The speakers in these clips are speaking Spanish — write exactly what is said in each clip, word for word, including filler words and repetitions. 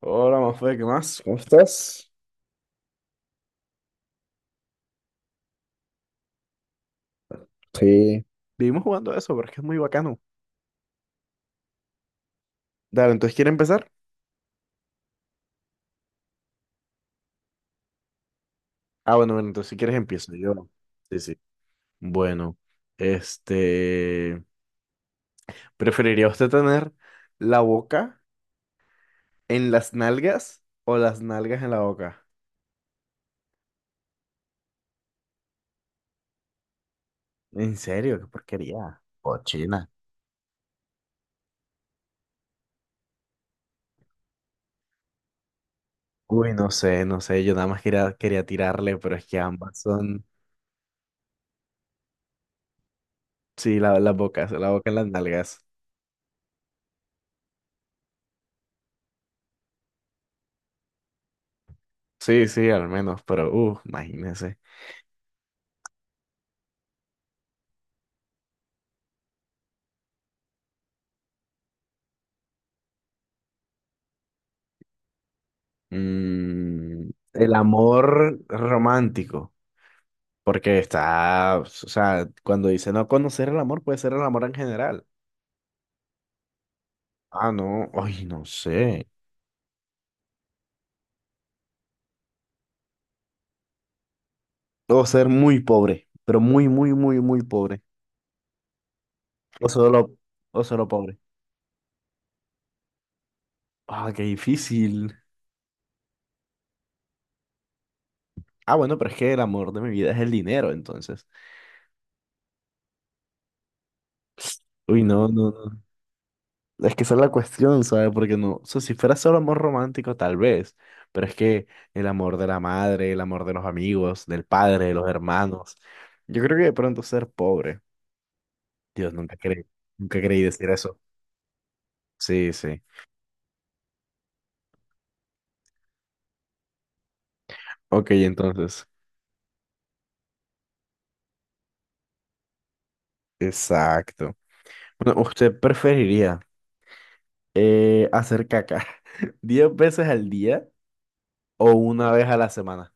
Hola, Mafe, ¿qué más? ¿Cómo estás? Sí, vivimos jugando eso, pero es que es muy bacano. Dale, entonces, ¿quieres empezar? Ah, bueno, bueno, entonces si quieres empiezo yo. Sí, sí. Bueno, este... ¿Preferiría usted tener la boca en las nalgas o las nalgas en la boca? ¿En serio? ¿Qué porquería? Cochina. Uy, no sé, no sé, yo nada más quería, quería tirarle, pero es que ambas son. Sí, la, las bocas, la boca en las nalgas. Sí, sí, al menos, pero, uh, imagínese. Mm, el amor romántico, porque está, o sea, cuando dice no conocer el amor, puede ser el amor en general. Ah, no, ay, no sé. O ser muy pobre, pero muy, muy, muy, muy pobre. O solo, o solo pobre. Ah, qué difícil. Ah, bueno, pero es que el amor de mi vida es el dinero, entonces. Uy, no, no, no. Es que esa es la cuestión, ¿sabes? Porque no, o sea, si fuera solo amor romántico, tal vez, pero es que el amor de la madre, el amor de los amigos, del padre, de los hermanos, yo creo que de pronto ser pobre, Dios, nunca creí, nunca creí decir eso. Sí, sí. Ok, entonces, exacto. Bueno, ¿usted preferiría eh, hacer caca diez veces al día o una vez a la semana?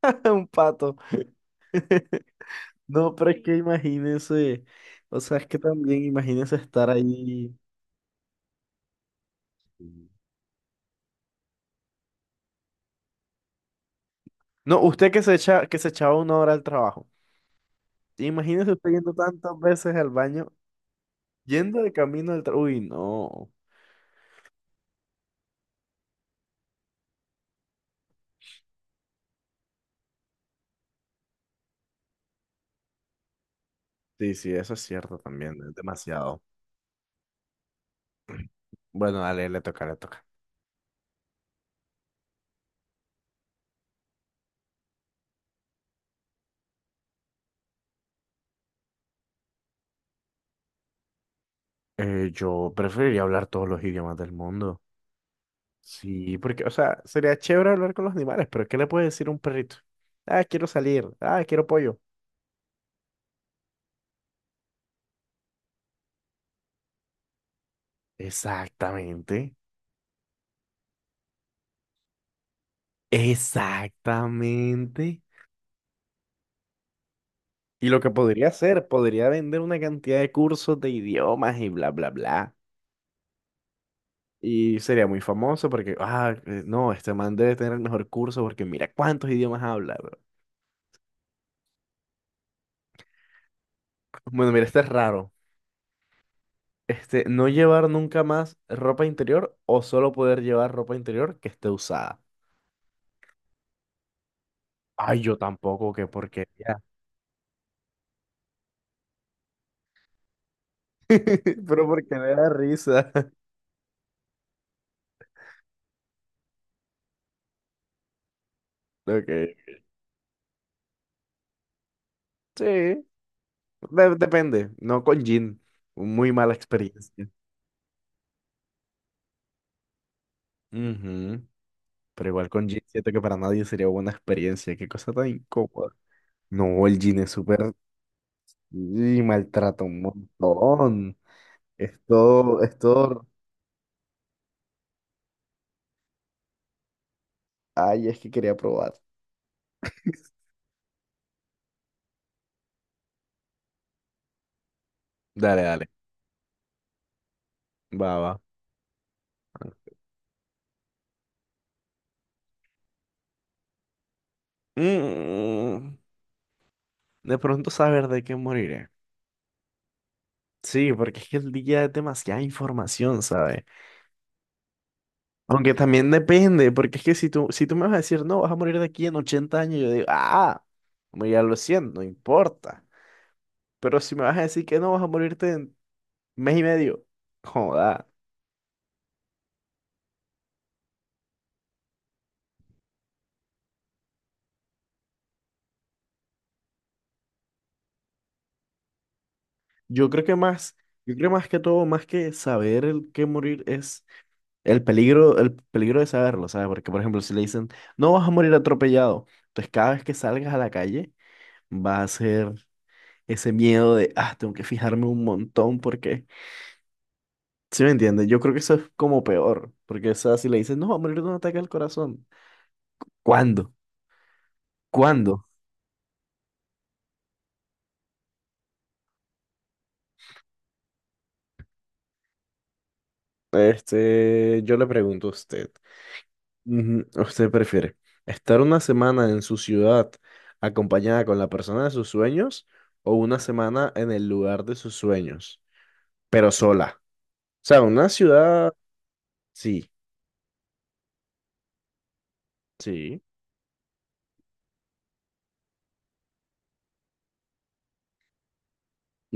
Un pato. No, pero es que imagínese, o sea, es que también imagínese estar ahí. No, usted que se echa, que se echaba una hora al trabajo. Imagínese usted yendo tantas veces al baño, yendo de camino al trabajo. Uy, no. Sí, sí, eso es cierto también, es demasiado. Bueno, dale, le toca, le toca. Eh, yo preferiría hablar todos los idiomas del mundo. Sí, porque, o sea, sería chévere hablar con los animales, pero ¿qué le puede decir un perrito? Ah, quiero salir. Ah, quiero pollo. Exactamente. Exactamente. Y lo que podría hacer, podría vender una cantidad de cursos de idiomas y bla, bla, bla. Y sería muy famoso porque, ah, eh, no, este man debe tener el mejor curso porque mira cuántos idiomas habla, bro". Bueno, mira, este es raro. Este, no llevar nunca más ropa interior o solo poder llevar ropa interior que esté usada. Ay, yo tampoco, qué porquería. Pero porque me da risa. Ok. Sí, de- depende. No con Jin. Muy mala experiencia. Ujú. Pero igual con Jin siento que para nadie sería buena experiencia. Qué cosa tan incómoda. No, el Jin es súper. Y maltrata un montón. Es todo, es todo. Ay, es que quería probar. Dale, dale. Va, va. Mm, de pronto saber de qué moriré. Sí, porque es que el día es demasiada información, ¿sabes? Aunque también depende, porque es que si tú, si tú me vas a decir, no, vas a morir de aquí en ochenta años, yo digo, ah, ya lo siento, no importa. Pero si me vas a decir que no, vas a morirte. Mes y medio. Joda. Yo creo que más, yo creo más que todo, más que saber el que morir es el peligro, el peligro de saberlo, ¿sabes? Porque, por ejemplo, si le dicen, no vas a morir atropellado, entonces cada vez que salgas a la calle va a ser ese miedo de, ah, tengo que fijarme un montón porque, ¿sí me entiendes? Yo creo que eso es como peor, porque, o sea, si le dicen, no, va a morir de un ataque al corazón, ¿cuándo? ¿Cuándo? Este, yo le pregunto a usted. Ujú. ¿Usted prefiere estar una semana en su ciudad acompañada con la persona de sus sueños o una semana en el lugar de sus sueños, pero sola? O sea, una ciudad, sí, sí.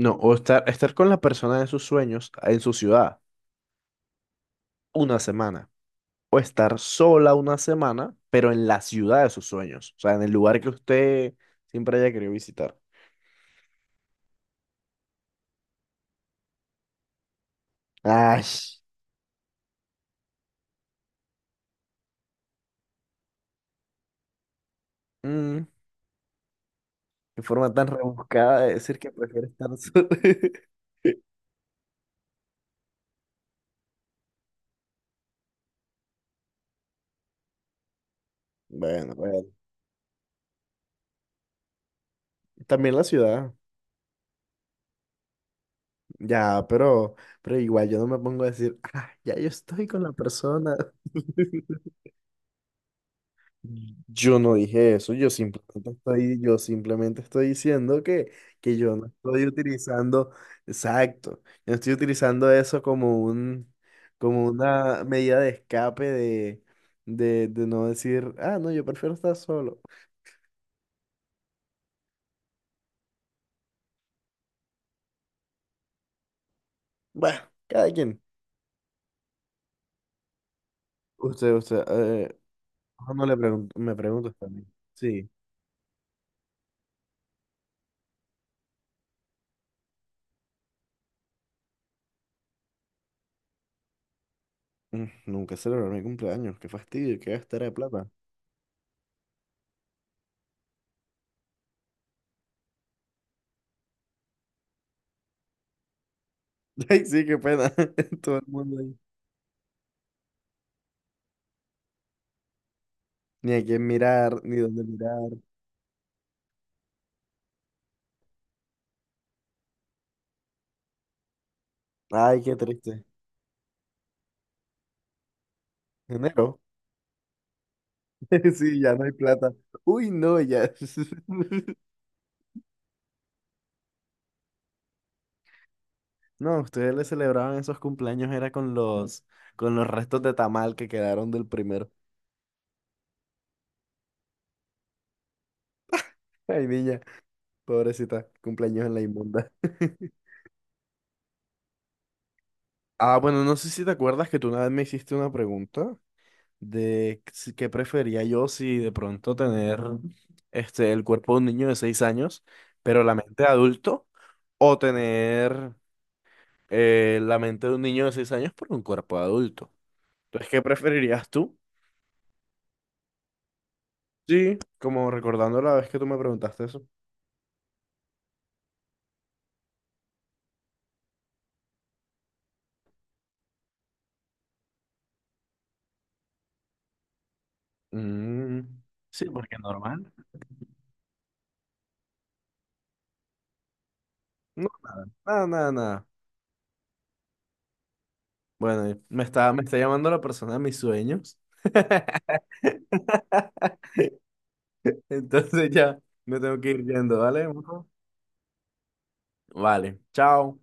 No, o estar, estar con la persona de sus sueños en su ciudad una semana, o estar sola una semana, pero en la ciudad de sus sueños, o sea, en el lugar que usted siempre haya querido visitar. Ay, mm, qué forma tan rebuscada de decir que prefiere estar sola. Bueno, bueno. También la ciudad. Ya, pero, pero igual yo no me pongo a decir, ah, ya yo estoy con la persona. Yo no dije eso, yo simplemente estoy, yo simplemente estoy diciendo que, que yo no estoy utilizando, exacto, yo no estoy utilizando eso como un, como una medida de escape de, de, de no decir, ah, no, yo prefiero estar solo. Bueno, cada quien. Usted, usted, eh, no le pregunto, me pregunto también. Sí. Mm, Nunca celebrar mi cumpleaños, qué fastidio, qué gastera de plata. Ay, sí, qué pena. Todo el mundo ahí. Ni a quién mirar, ni dónde mirar. Ay, qué triste. Enero. Sí, ya no hay plata. Uy, no, ya. No, ustedes le celebraban esos cumpleaños era con los con los restos de tamal que quedaron del primero. Ay, niña, pobrecita, cumpleaños en la inmunda. Ah, bueno, no sé si te acuerdas que tú una vez me hiciste una pregunta de si- qué prefería yo si de pronto tener este, el cuerpo de un niño de seis años, pero la mente de adulto, o tener eh, la mente de un niño de seis años, pero un cuerpo de adulto. Entonces, ¿qué preferirías tú? Sí, como recordando la vez que tú me preguntaste eso. Mm, sí, porque normal. No, nada, nada, nada, nada. Bueno, y me está, me está llamando la persona de mis sueños. Entonces ya me tengo que ir yendo, ¿vale? Vale, chao.